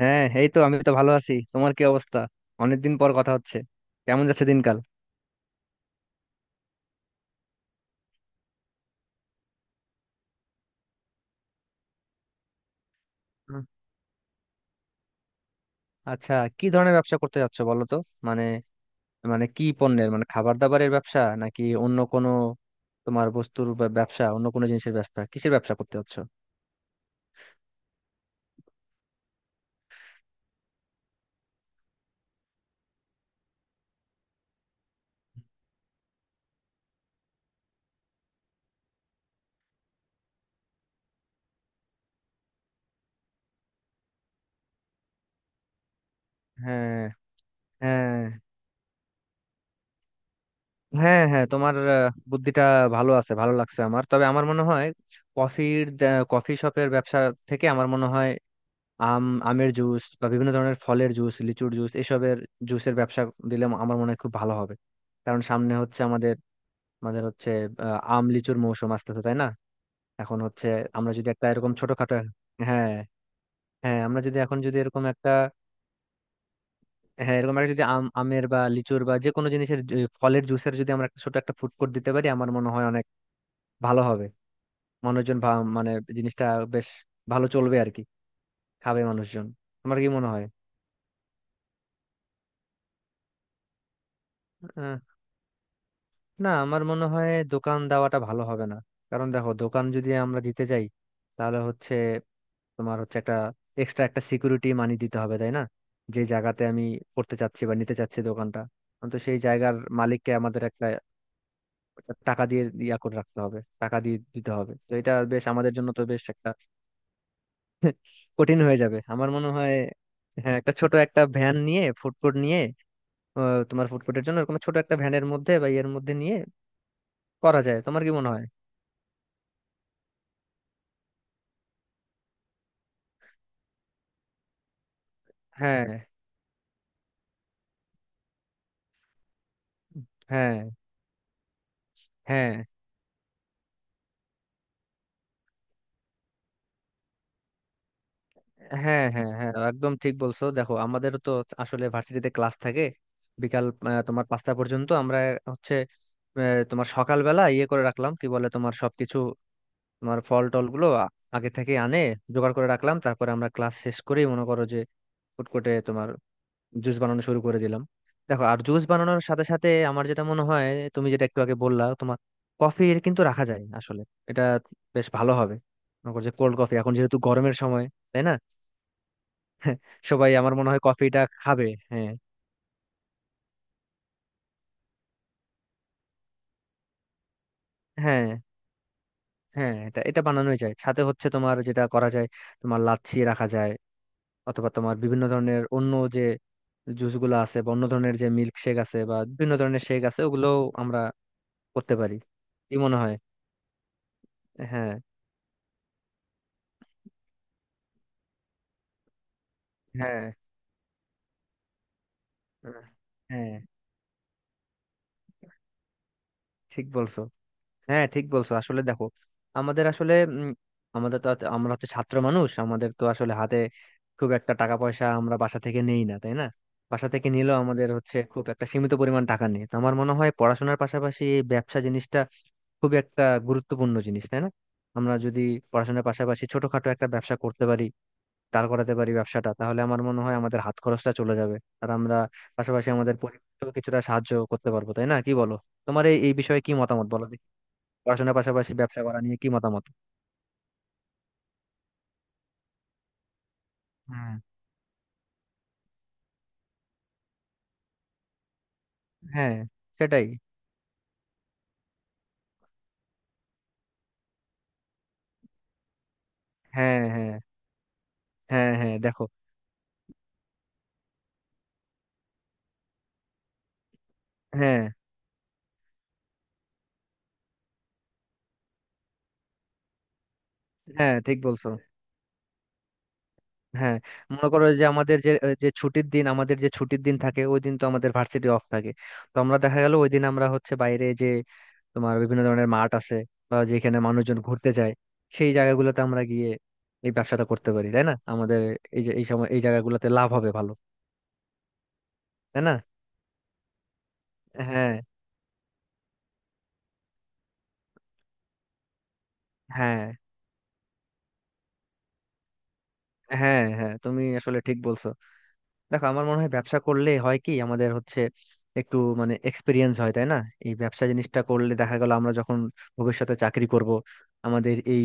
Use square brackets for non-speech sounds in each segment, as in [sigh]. হ্যাঁ, এই তো আমি তো ভালো আছি। তোমার কি অবস্থা? অনেকদিন পর কথা হচ্ছে। কেমন যাচ্ছে দিনকাল? হুম, আচ্ছা, কি ধরনের ব্যবসা করতে যাচ্ছ বলো তো। মানে মানে কি পণ্যের, মানে খাবার দাবারের ব্যবসা, নাকি অন্য কোনো তোমার ব্যবসা, অন্য কোনো জিনিসের ব্যবসা, কিসের ব্যবসা করতে যাচ্ছ? হ্যাঁ, হ্যাঁ, হ্যাঁ, হ্যাঁ, তোমার বুদ্ধিটা ভালো আছে, ভালো লাগছে আমার। তবে আমার মনে হয় কফির, কফি শপের ব্যবসা থেকে আমার মনে হয় আমের জুস বা বিভিন্ন ধরনের ফলের জুস, লিচুর জুস, এসবের জুসের ব্যবসা দিলে আমার মনে হয় খুব ভালো হবে। কারণ সামনে হচ্ছে আমাদের, আমাদের হচ্ছে আম লিচুর মৌসুম আসতেছে, তাই না? এখন হচ্ছে আমরা যদি একটা এরকম ছোটখাটো, হ্যাঁ, হ্যাঁ, আমরা যদি এখন যদি এরকম একটা, হ্যাঁ, এরকম একটা যদি আমের বা লিচুর বা যে কোনো জিনিসের ফলের জুসের যদি আমরা একটা ছোট একটা ফুড কোর্ট দিতে পারি, আমার মনে হয় অনেক ভালো হবে। মানুষজন মানে জিনিসটা বেশ ভালো চলবে আর কি, খাবে মানুষজন। আমার কি মনে হয়, না, আমার মনে হয় দোকান দেওয়াটা ভালো হবে না। কারণ দেখো, দোকান যদি আমরা দিতে যাই তাহলে হচ্ছে তোমার হচ্ছে একটা এক্সট্রা একটা সিকিউরিটি মানি দিতে হবে, তাই না? যে জায়গাতে আমি করতে চাচ্ছি বা নিতে চাচ্ছি দোকানটা, আমি তো সেই জায়গার মালিককে আমাদের একটা, একটা টাকা দিয়ে ইয়া করে রাখতে হবে, টাকা দিয়ে দিতে হবে। তো এটা বেশ আমাদের জন্য তো বেশ একটা [laughs] কঠিন হয়ে যাবে আমার মনে হয়। হ্যাঁ, একটা ছোট একটা ভ্যান নিয়ে ফুড কোর্ট নিয়ে, তোমার ফুড কোর্টের জন্য এরকম ছোট একটা ভ্যানের মধ্যে বা ইয়ের মধ্যে নিয়ে করা যায়। তোমার কি মনে হয়? হ্যাঁ, হ্যাঁ, হ্যাঁ, হ্যাঁ, হ্যাঁ, হ্যাঁ, একদম ঠিক বলছো। দেখো আমাদের তো আসলে ভার্সিটিতে ক্লাস থাকে বিকাল তোমার পাঁচটা পর্যন্ত। আমরা হচ্ছে আহ, তোমার সকালবেলা ইয়ে করে রাখলাম কি বলে তোমার সবকিছু, তোমার ফল টল গুলো আগে থেকে জোগাড় করে রাখলাম, তারপরে আমরা ক্লাস শেষ করেই মনে করো যে ফুড কোর্টে তোমার জুস বানানো শুরু করে দিলাম। দেখো আর জুস বানানোর সাথে সাথে আমার যেটা মনে হয় তুমি যেটা একটু আগে বললা তোমার কফি কিন্তু রাখা যায় আসলে, এটা বেশ ভালো হবে। মনে করো যে কোল্ড কফি, এখন যেহেতু গরমের সময়, তাই না? [laughs] সবাই আমার মনে হয় কফিটা খাবে। হ্যাঁ, হ্যাঁ, হ্যাঁ, এটা, এটা বানানোই যায়। সাথে হচ্ছে তোমার যেটা করা যায়, তোমার লাচ্ছি রাখা যায়, অথবা তোমার বিভিন্ন ধরনের অন্য যে জুস গুলো আছে বা অন্য ধরনের যে মিল্ক শেক আছে বা বিভিন্ন ধরনের শেক আছে ওগুলো আমরা করতে পারি। কি মনে হয়? হ্যাঁ, হ্যাঁ, আহ, হ্যাঁ, ঠিক বলছো, হ্যাঁ ঠিক বলছো। আসলে দেখো, আমাদের আসলে আমাদের তো আমরা হচ্ছে ছাত্র মানুষ, আমাদের তো আসলে হাতে খুব একটা টাকা পয়সা আমরা বাসা থেকে নেই না, তাই না? বাসা থেকে নিলেও আমাদের হচ্ছে খুব একটা সীমিত পরিমাণ টাকা নেই। তো আমার মনে হয় পড়াশোনার পাশাপাশি এই ব্যবসা জিনিসটা খুব একটা গুরুত্বপূর্ণ জিনিস, তাই না? আমরা যদি পড়াশোনার পাশাপাশি ছোটখাটো একটা ব্যবসা করতে পারি, দাঁড় করাতে পারি ব্যবসাটা, তাহলে আমার মনে হয় আমাদের হাত খরচটা চলে যাবে। আর আমরা পাশাপাশি আমাদের পরিবারকেও কিছুটা সাহায্য করতে পারবো, তাই না? কি বলো? তোমার এই এই বিষয়ে কি মতামত বলো দেখি, পড়াশোনার পাশাপাশি ব্যবসা করা নিয়ে কি মতামত? হ্যাঁ, হ্যাঁ, সেটাই। হ্যাঁ, হ্যাঁ, হ্যাঁ, হ্যাঁ, দেখো। হ্যাঁ, হ্যাঁ, ঠিক বলছো। হ্যাঁ, মনে করো যে আমাদের যে, যে ছুটির দিন আমাদের যে ছুটির দিন থাকে ওই দিন তো আমাদের ভার্সিটি অফ থাকে। তো আমরা দেখা গেল ওই দিন আমরা হচ্ছে বাইরে যে তোমার বিভিন্ন ধরনের মাঠ আছে বা যেখানে মানুষজন ঘুরতে যায় সেই জায়গাগুলোতে আমরা গিয়ে এই ব্যবসাটা করতে পারি, তাই না? আমাদের এই, যে এই সময় এই জায়গাগুলোতে লাভ হবে ভালো, তাই না? হ্যাঁ, হ্যাঁ, হ্যাঁ, হ্যাঁ, তুমি আসলে ঠিক বলছো। দেখো আমার মনে হয় ব্যবসা করলে হয় কি আমাদের হচ্ছে একটু মানে এক্সপিরিয়েন্স হয়, তাই না? এই ব্যবসা জিনিসটা করলে দেখা গেল আমরা যখন ভবিষ্যতে চাকরি করব আমাদের এই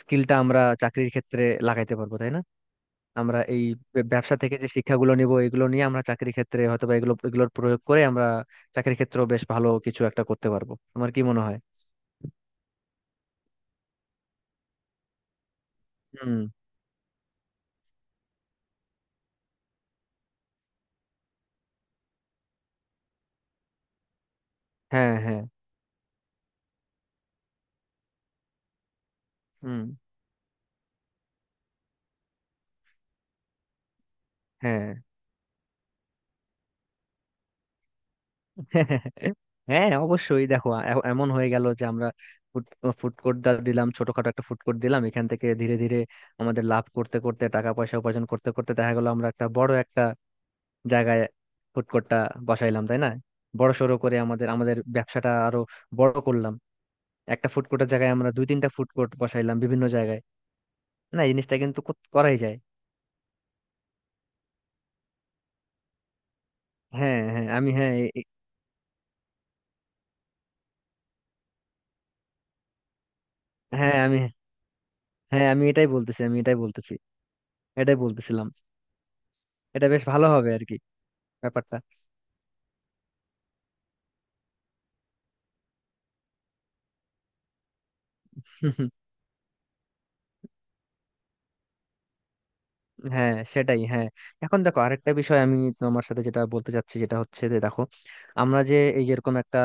স্কিলটা আমরা চাকরির ক্ষেত্রে লাগাইতে পারবো, তাই না? আমরা এই ব্যবসা থেকে যে শিক্ষাগুলো নিব এগুলো নিয়ে আমরা চাকরি ক্ষেত্রে হয়তো বা এগুলো এগুলোর প্রয়োগ করে আমরা চাকরি ক্ষেত্রেও বেশ ভালো কিছু একটা করতে পারবো আমার কি মনে হয়। হুম। হ্যাঁ, হ্যাঁ। হুম। হ্যাঁ। [laughs] হ্যাঁ, অবশ্যই। দেখো এমন হয়ে গেল যে আমরা ফুড ফুড কোর্ট দিলাম, ছোটখাটো একটা ফুড কোর্ট দিলাম, এখান থেকে ধীরে ধীরে আমাদের লাভ করতে করতে, টাকা পয়সা উপার্জন করতে করতে, দেখা গেল আমরা একটা বড় একটা জায়গায় ফুড কোর্টটা বসাইলাম, তাই না? বড় সড়ো করে আমাদের, আমাদের ব্যবসাটা আরো বড় করলাম। একটা ফুড কোর্টের জায়গায় আমরা দুই তিনটা ফুড কোর্ট বসাইলাম বিভিন্ন জায়গায়। না, এই জিনিসটা কিন্তু করাই যায়। হ্যাঁ, হ্যাঁ, আমি হ্যাঁ, হ্যাঁ, আমি হ্যাঁ, আমি এটাই বলতেছি, আমি এটাই বলতেছি, এটাই বলতেছিলাম। এটা বেশ ভালো হবে আর কি ব্যাপারটা। [laughs] হ্যাঁ, সেটাই, হ্যাঁ। এখন দেখো আরেকটা বিষয় আমি তোমার সাথে যেটা বলতে চাচ্ছি যেটা হচ্ছে যে দেখো আমরা যে এই যেরকম একটা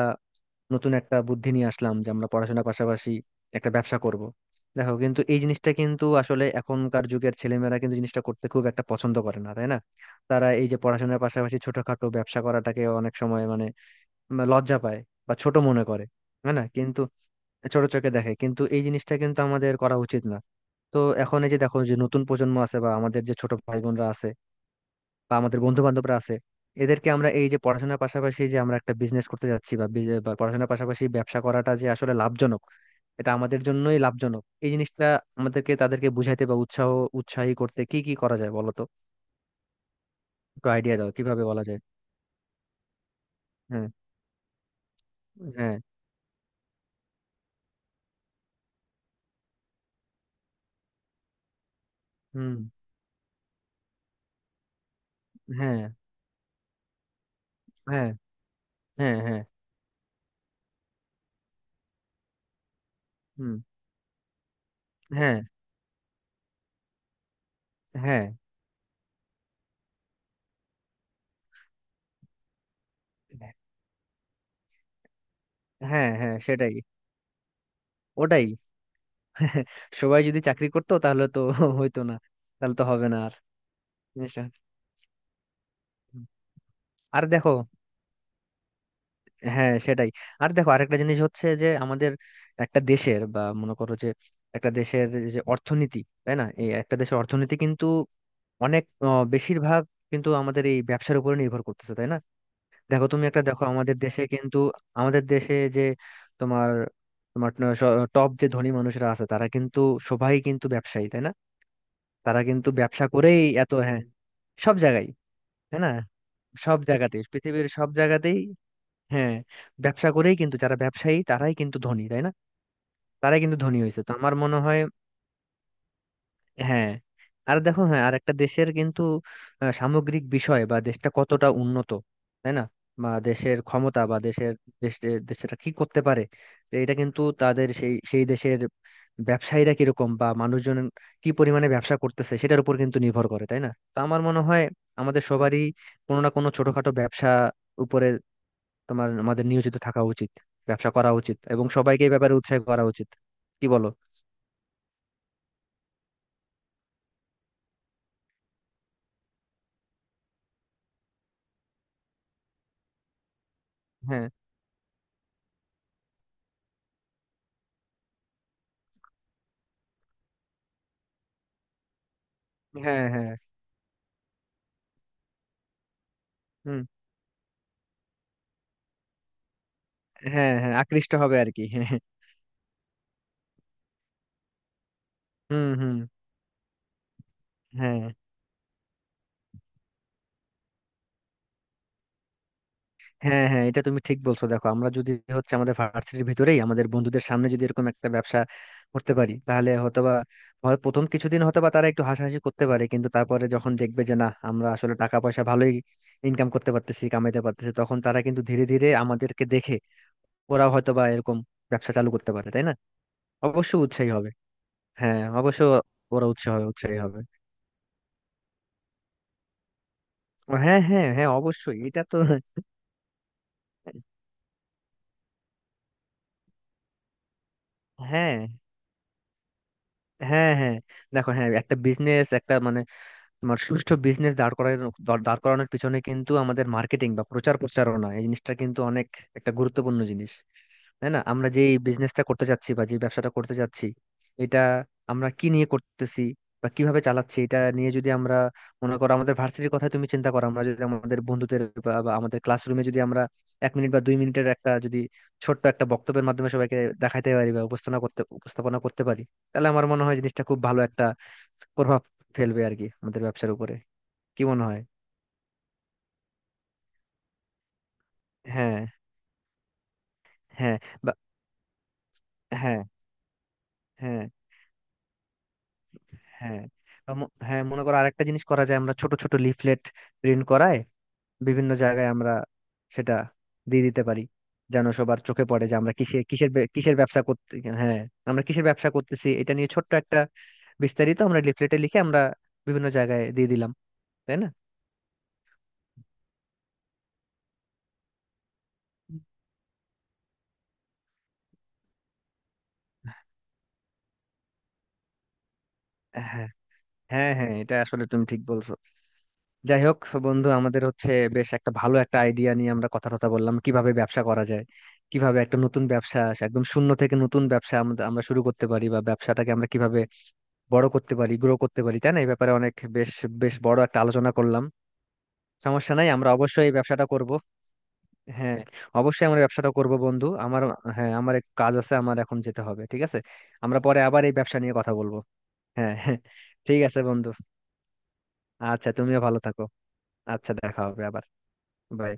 নতুন একটা বুদ্ধি নিয়ে আসলাম যে আমরা পড়াশোনার পাশাপাশি একটা ব্যবসা করব। দেখো কিন্তু এই জিনিসটা কিন্তু আসলে এখনকার যুগের ছেলেমেয়েরা কিন্তু জিনিসটা করতে খুব একটা পছন্দ করে না, তাই না? তারা এই যে পড়াশোনার পাশাপাশি ছোটখাটো ব্যবসা করাটাকে অনেক সময় মানে লজ্জা পায় বা ছোট মনে করে। হ্যাঁ, না কিন্তু ছোট চোখে দেখে, কিন্তু এই জিনিসটা কিন্তু আমাদের করা উচিত না। তো এখন এই যে দেখো যে নতুন প্রজন্ম আছে বা আমাদের যে ছোট ভাই বোনরা আছে বা আমাদের বন্ধু বান্ধবরা আছে এদেরকে আমরা এই যে পড়াশোনার পাশাপাশি যে আমরা একটা বিজনেস করতে যাচ্ছি বা বা পড়াশোনার পাশাপাশি ব্যবসা করাটা যে আসলে লাভজনক, এটা আমাদের জন্যই লাভজনক এই জিনিসটা, আমাদেরকে তাদেরকে বুঝাইতে বা উৎসাহ, উৎসাহী করতে কি কি করা যায় বলো তো, একটু আইডিয়া দাও কিভাবে বলা যায়। হ্যাঁ, হ্যাঁ, হুম, হ্যাঁ, হ্যাঁ, হ্যাঁ, হ্যাঁ, হুম, হ্যাঁ, হ্যাঁ, হ্যাঁ, হ্যাঁ, সেটাই, ওটাই। [laughs] সবাই যদি চাকরি করতো তাহলে তো হইতো না, তাহলে তো হবে না আর জিনিসটা। আর দেখো হ্যাঁ, সেটাই। আর দেখো আরেকটা জিনিস হচ্ছে যে আমাদের একটা দেশের, বা মনে করো যে একটা দেশের যে অর্থনীতি, তাই না? এই একটা দেশের অর্থনীতি কিন্তু অনেক বেশিরভাগ কিন্তু আমাদের এই ব্যবসার উপরে নির্ভর করতেছে, তাই না? দেখো তুমি একটা, দেখো আমাদের দেশে কিন্তু, আমাদের দেশে যে তোমার, তোমার টপ যে ধনী মানুষরা আছে তারা কিন্তু, সবাই কিন্তু ব্যবসায়ী, তাই না? তারা কিন্তু ব্যবসা করেই এত, হ্যাঁ, সব জায়গায়, তাই না? সব জায়গাতেই, পৃথিবীর সব জায়গাতেই। হ্যাঁ, ব্যবসা করেই কিন্তু যারা ব্যবসায়ী তারাই কিন্তু ধনী, তাই না? তারাই কিন্তু ধনী হয়েছে। তো আমার মনে হয়, হ্যাঁ। আর দেখো, হ্যাঁ, আর একটা দেশের কিন্তু সামগ্রিক বিষয় বা দেশটা কতটা উন্নত, তাই না? বা দেশের ক্ষমতা বা দেশের, দেশের, দেশটা কি করতে পারে, তো এটা কিন্তু তাদের সেই, সেই দেশের ব্যবসায়ীরা কিরকম বা মানুষজন কি পরিমাণে ব্যবসা করতেছে সেটার উপর কিন্তু নির্ভর করে, তাই না? তো আমার মনে হয় আমাদের সবারই কোনো না কোনো ছোটখাটো ব্যবসা উপরে তোমার আমাদের নিয়োজিত থাকা উচিত, ব্যবসা করা উচিত এবং সবাইকে এই ব্যাপারে উৎসাহ করা উচিত। কি বলো? হ্যাঁ, হ্যাঁ, হ্যাঁ, হুম, হ্যাঁ, হ্যাঁ আকৃষ্ট হবে আর কি, হ্যাঁ, হুম, হুম, হ্যাঁ, হ্যাঁ, হ্যাঁ এটা তুমি ঠিক বলছো। দেখো আমরা যদি হচ্ছে আমাদের ভার্সিটির ভিতরেই আমাদের বন্ধুদের সামনে যদি এরকম একটা ব্যবসা করতে পারি তাহলে হয়তোবা হয় প্রথম কিছুদিন হয়তোবা তারা একটু হাসাহাসি করতে পারে, কিন্তু তারপরে যখন দেখবে যে না আমরা আসলে টাকা পয়সা ভালোই ইনকাম করতে পারতেছি, কামাইতে পারতেছি, তখন তারা কিন্তু ধীরে ধীরে আমাদেরকে দেখে ওরাও হয়তোবা এরকম ব্যবসা চালু করতে পারে, তাই না? অবশ্য উৎসাহী হবে, হ্যাঁ অবশ্য ওরা উৎসাহ হবে, উৎসাহী হবে। হ্যাঁ, হ্যাঁ, হ্যাঁ, অবশ্যই এটা তো। হ্যাঁ, হ্যাঁ, হ্যাঁ, দেখো, হ্যাঁ, একটা বিজনেস, একটা মানে তোমার সুষ্ঠু বিজনেস দাঁড় করানোর পিছনে কিন্তু আমাদের মার্কেটিং বা প্রচার প্রচারণা এই জিনিসটা কিন্তু অনেক একটা গুরুত্বপূর্ণ জিনিস, তাই না? আমরা যে বিজনেসটা করতে যাচ্ছি বা যে ব্যবসাটা করতে যাচ্ছি এটা আমরা কি নিয়ে করতেছি বা কিভাবে চালাচ্ছি এটা নিয়ে যদি আমরা মনে করো আমাদের ভার্সিটির কথা তুমি চিন্তা করো, আমরা যদি আমাদের বন্ধুদের বা বা আমাদের ক্লাসরুমে যদি আমরা এক মিনিট বা দুই মিনিটের একটা যদি ছোট্ট একটা বক্তব্যের মাধ্যমে সবাইকে দেখাইতে পারি বা উপস্থাপনা করতে পারি তাহলে আমার মনে হয় জিনিসটা খুব ভালো একটা প্রভাব ফেলবে আর কি আমাদের ব্যবসার উপরে। কি মনে হয়? হ্যাঁ, হ্যাঁ, বা হ্যাঁ, হ্যাঁ, হ্যাঁ, বা হ্যাঁ, মনে করো আরেকটা জিনিস করা যায়, আমরা ছোট ছোট লিফলেট প্রিন্ট করায় বিভিন্ন জায়গায় আমরা সেটা দিয়ে দিতে পারি, যেন সবার চোখে পড়ে যে আমরা কিসে কিসের কিসের ব্যবসা করতে। হ্যাঁ, আমরা কিসের ব্যবসা করতেছি এটা নিয়ে ছোট্ট একটা বিস্তারিত আমরা লিফলেটে লিখে আমরা বিভিন্ন জায়গায় দিয়ে দিলাম, তাই না? হ্যাঁ, হ্যাঁ, হ্যাঁ, এটা আসলে তুমি ঠিক বলছো। যাই হোক বন্ধু, আমাদের হচ্ছে বেশ একটা ভালো একটা আইডিয়া নিয়ে আমরা কথা কথা বললাম কিভাবে ব্যবসা করা যায়, কিভাবে একটা নতুন ব্যবসা একদম শূন্য থেকে নতুন ব্যবসা আমরা আমরা শুরু করতে পারি বা ব্যবসাটাকে আমরা কিভাবে বড় করতে পারি, গ্রো করতে পারি, তাই না? এই ব্যাপারে অনেক বেশ, বেশ বড় একটা আলোচনা করলাম। সমস্যা নাই, আমরা অবশ্যই এই ব্যবসাটা করব, হ্যাঁ, অবশ্যই আমরা ব্যবসাটা করব বন্ধু আমার। হ্যাঁ, আমার এক কাজ আছে, আমার এখন যেতে হবে ঠিক আছে? আমরা পরে আবার এই ব্যবসা নিয়ে কথা বলবো। হ্যাঁ, [laughs] হ্যাঁ, ঠিক আছে বন্ধু। আচ্ছা, তুমিও ভালো থাকো। আচ্ছা, দেখা হবে আবার। বাই।